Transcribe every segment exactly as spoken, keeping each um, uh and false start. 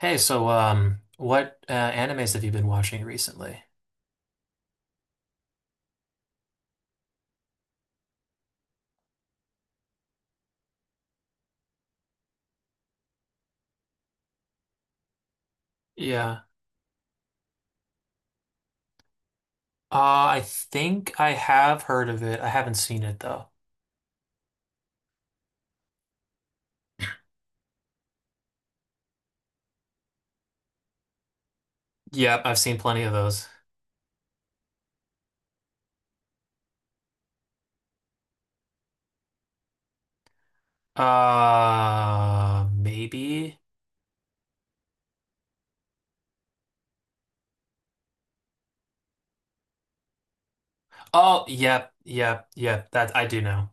Hey, so um, what uh, animes have you been watching recently? Yeah. Uh, I think I have heard of it. I haven't seen it though. Yep, I've seen plenty of those. Uh, maybe. Oh, yep, yep, yep, that I do know.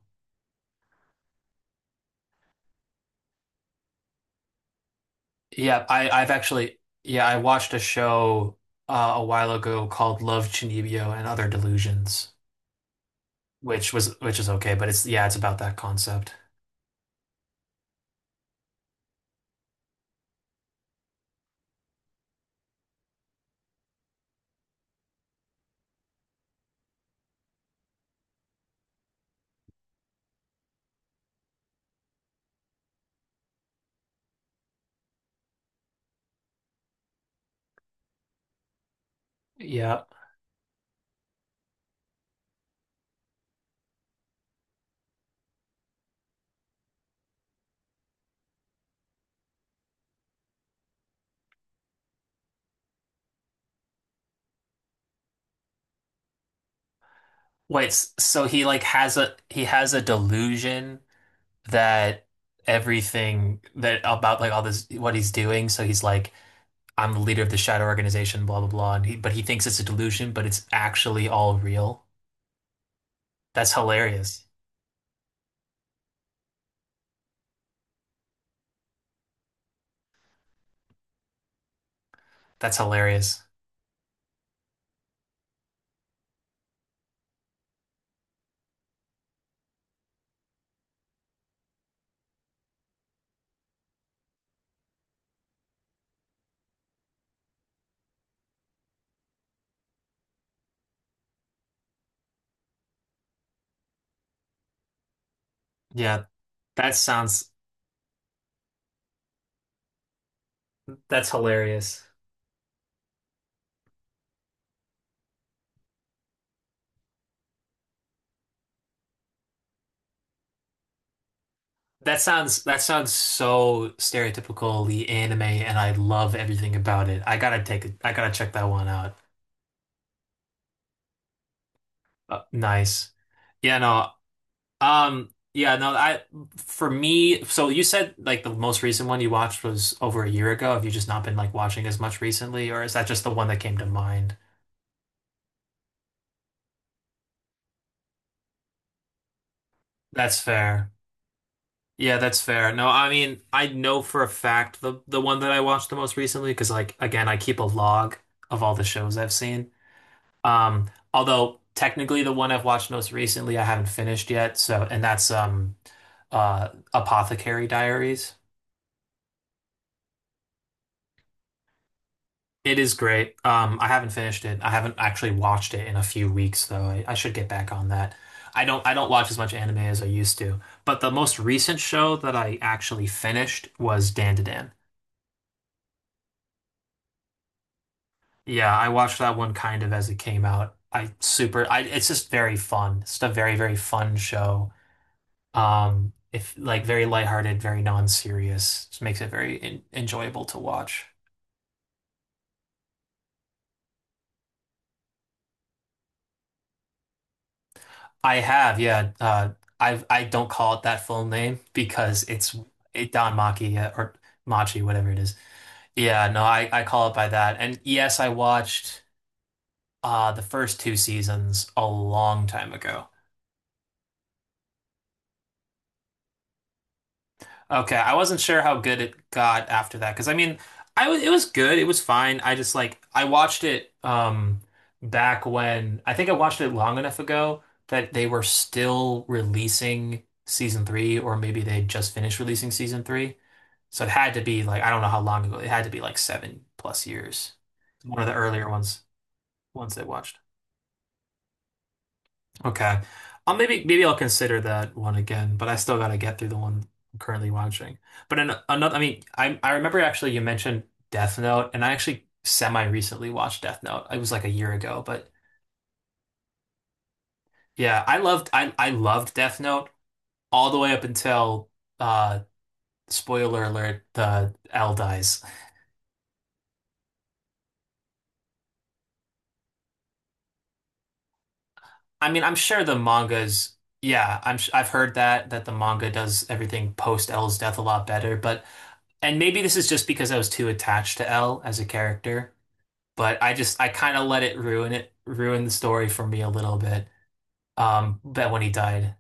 Yep, I I've actually yeah, I watched a show uh, a while ago called Love, Chinibyo and Other Delusions, which was which is okay, but it's yeah, it's about that concept. Yeah. Wait, s- so he like has a he has a delusion that everything that about like all this what he's doing. So he's like, I'm the leader of the shadow organization, blah blah blah. And he but he thinks it's a delusion, but it's actually all real. That's hilarious. That's hilarious. Yeah, that sounds that's hilarious. That sounds that sounds so stereotypically anime, and I love everything about it. I gotta take I gotta check that one out. Uh, nice. Yeah, no, Um, yeah, no, I for me, so you said like the most recent one you watched was over a year ago. Have you just not been like watching as much recently, or is that just the one that came to mind? That's fair. Yeah, that's fair. No, I mean, I know for a fact the the one that I watched the most recently because like again, I keep a log of all the shows I've seen. Um, although technically the one I've watched most recently I haven't finished yet, so and that's um uh Apothecary Diaries. It is great. Um, I haven't finished it. I haven't actually watched it in a few weeks, though. I, I should get back on that. I don't I don't watch as much anime as I used to. But the most recent show that I actually finished was Dandadan. Yeah, I watched that one kind of as it came out. I super I It's just very fun. It's a very, very fun show. Um, if like very lighthearted, very non-serious. Just makes it very en enjoyable to watch. I have, yeah. Uh, I I don't call it that full name because it's it Don Machi uh, or Machi, whatever it is. Yeah, no, I, I call it by that. And yes, I watched uh the first two seasons a long time ago. Okay, I wasn't sure how good it got after that because I mean, I was it was good, it was fine. I just like I watched it um back when I think I watched it long enough ago that they were still releasing season three, or maybe they just finished releasing season three. So it had to be like I don't know how long ago. It had to be like seven plus years. One of the earlier ones, ones they watched. Okay. I'll maybe maybe I'll consider that one again, but I still gotta get through the one I'm currently watching. But in another, I mean, I I remember actually you mentioned Death Note, and I actually semi recently watched Death Note. It was like a year ago, but yeah, I loved I I loved Death Note all the way up until uh spoiler alert, the L dies. I mean, I'm sure the manga's yeah, I'm sh I've heard that that the manga does everything post L's death a lot better, but and maybe this is just because I was too attached to L as a character, but I just I kind of let it ruin it ruin the story for me a little bit. Um, but when he died,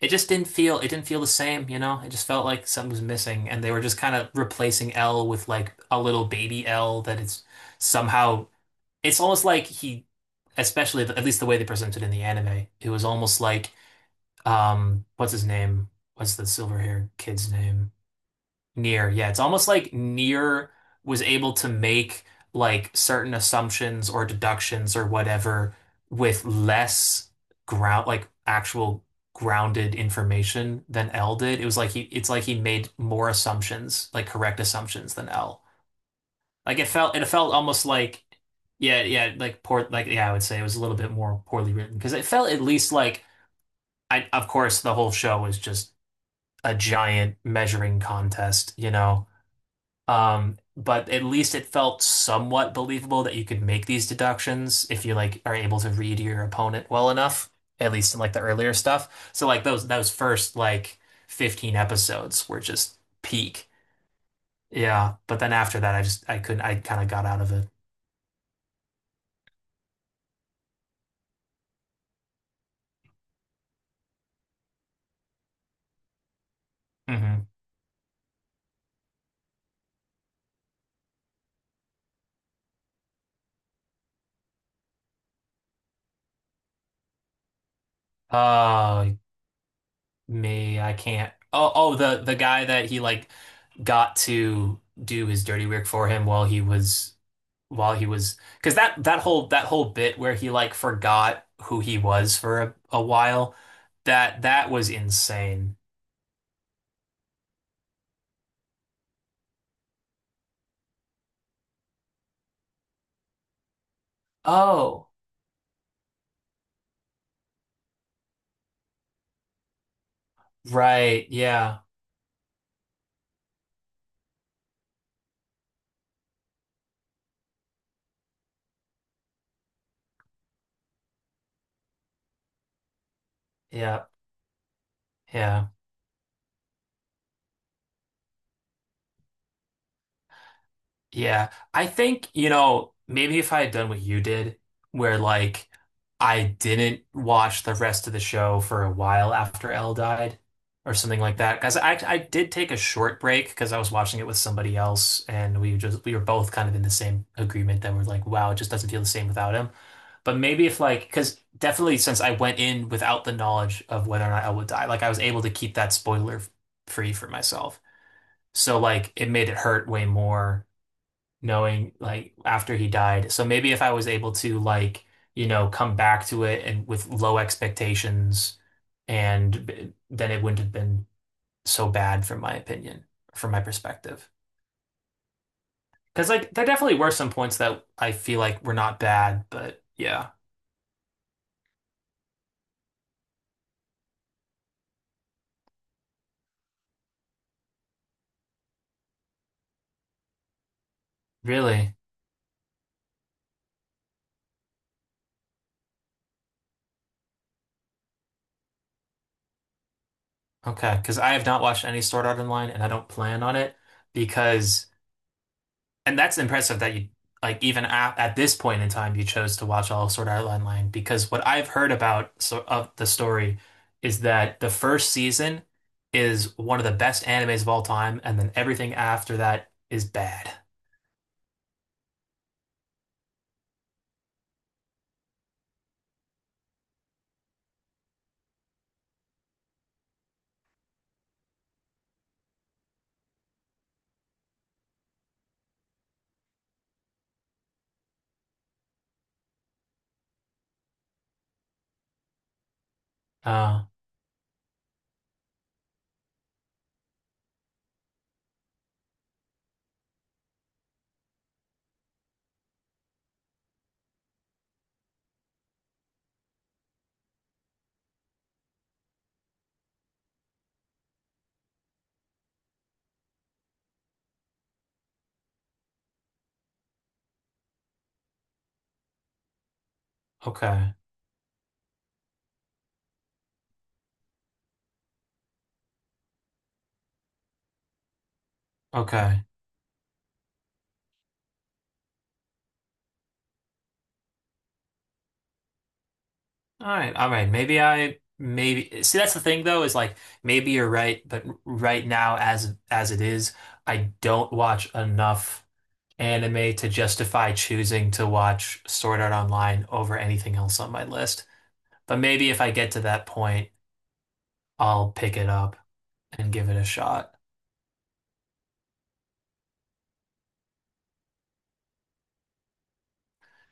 it just didn't feel it didn't feel the same, you know? It just felt like something was missing and they were just kind of replacing L with like a little baby L that it's somehow it's almost like he especially at least the way they presented in the anime, it was almost like um what's his name? What's the silver haired kid's name? Near. Yeah, it's almost like Near was able to make like certain assumptions or deductions or whatever with less ground like actual grounded information than L did. It was like he it's like he made more assumptions, like correct assumptions than L. Like it felt it felt almost like yeah, yeah, like poor like yeah, I would say it was a little bit more poorly written because it felt at least like I of course the whole show was just a giant measuring contest, you know. Um, but at least it felt somewhat believable that you could make these deductions if you like are able to read your opponent well enough, at least in like the earlier stuff. So like those those first like fifteen episodes were just peak. Yeah, but then after that I just I couldn't I kind of got out of it. Hmm. Uh, me, I can't. Oh, oh, the the guy that he like got to do his dirty work for him while he was while he was because that that whole that whole bit where he like forgot who he was for a, a while that that was insane. Oh, right. Yeah. Yeah. Yeah. Yeah, I think, you know, maybe if I had done what you did, where like I didn't watch the rest of the show for a while after Elle died or something like that. Because I I did take a short break because I was watching it with somebody else and we just we were both kind of in the same agreement that we're like, wow, it just doesn't feel the same without him. But maybe if like, because definitely since I went in without the knowledge of whether or not Elle would die, like I was able to keep that spoiler f- free for myself. So like it made it hurt way more knowing like after he died. So maybe if I was able to like, you know, come back to it and with low expectations and b- then it wouldn't have been so bad from my opinion, from my perspective. Because like there definitely were some points that I feel like were not bad, but yeah, really. Okay, because I have not watched any Sword Art Online and I don't plan on it because and that's impressive that you like even at, at this point in time you chose to watch all of Sword Art Online because what I've heard about so of the story is that the first season is one of the best animes of all time, and then everything after that is bad. Uh, okay, okay, all right, all right. Maybe I maybe see that's the thing though is like maybe you're right, but right now as as it is, I don't watch enough anime to justify choosing to watch Sword Art Online over anything else on my list. But maybe if I get to that point, I'll pick it up and give it a shot.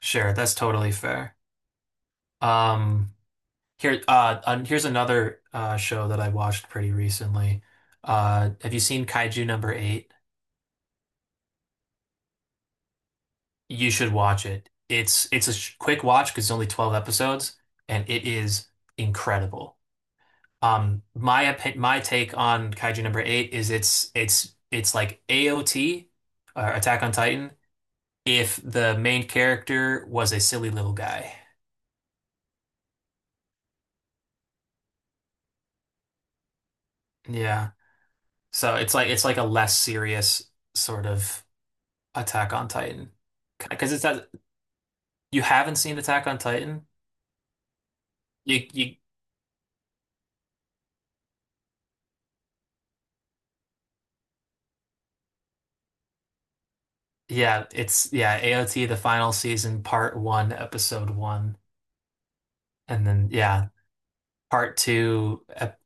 Sure, that's totally fair. Um, here, uh, um, here's another uh, show that I watched pretty recently. Uh, have you seen Kaiju number eight? You should watch it. It's it's a sh quick watch because it's only twelve episodes, and it is incredible. Um, my opi- my take on Kaiju number eight is it's it's it's like A O T or Attack on Titan if the main character was a silly little guy. Yeah. So it's like it's like a less serious sort of Attack on Titan. Because it's that you haven't seen Attack on Titan? You you yeah, it's yeah, A O T the final season part one episode one and then yeah, part 2 ep-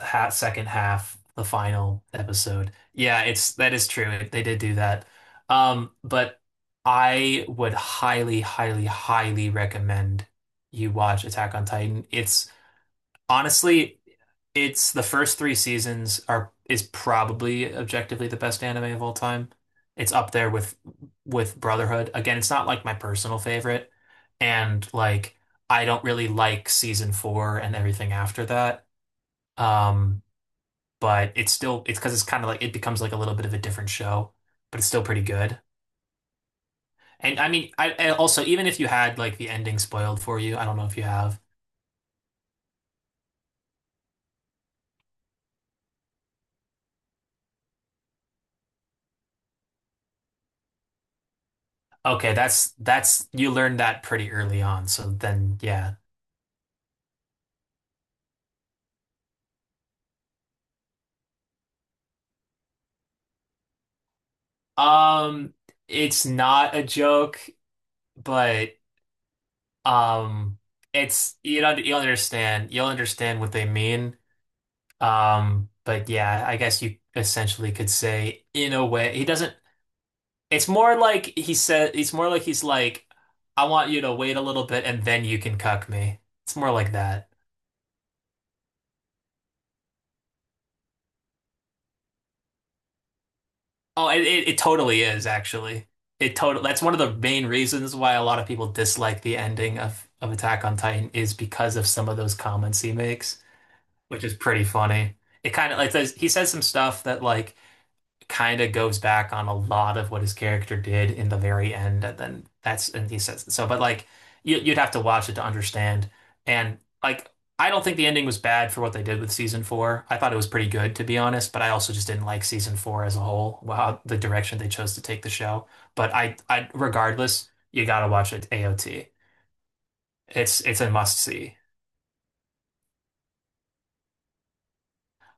ha second half, the final episode. Yeah, it's that is true. It- They did do that. Um, but I would highly, highly, highly recommend you watch Attack on Titan. It's honestly, it's the first three seasons are is probably objectively the best anime of all time. It's up there with with Brotherhood. Again, it's not like my personal favorite, and like I don't really like season four and everything after that. Um, but it's still it's because it's kind of like it becomes like a little bit of a different show, but it's still pretty good. And I mean, I, I also even if you had like the ending spoiled for you, I don't know if you have. Okay, that's that's you learned that pretty early on. So then, yeah. Um, it's not a joke, but um, it's you know you'll understand you'll understand what they mean. Um, but yeah, I guess you essentially could say in a way he doesn't. It's more like he said, it's more like he's like, I want you to wait a little bit and then you can cuck me. It's more like that. Oh, it, it, it totally is actually. It total That's one of the main reasons why a lot of people dislike the ending of, of Attack on Titan is because of some of those comments he makes, which is pretty funny. It kind of like says He says some stuff that like kind of goes back on a lot of what his character did in the very end, and then that's and he says so. But like you, you'd have to watch it to understand. And like I don't think the ending was bad for what they did with season four. I thought it was pretty good to be honest, but I also just didn't like season four as a whole. Wow, the direction they chose to take the show. But I, I regardless, you gotta watch it, A O T. It's it's a must see.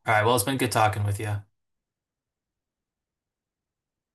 All right, well, it's been good talking with you.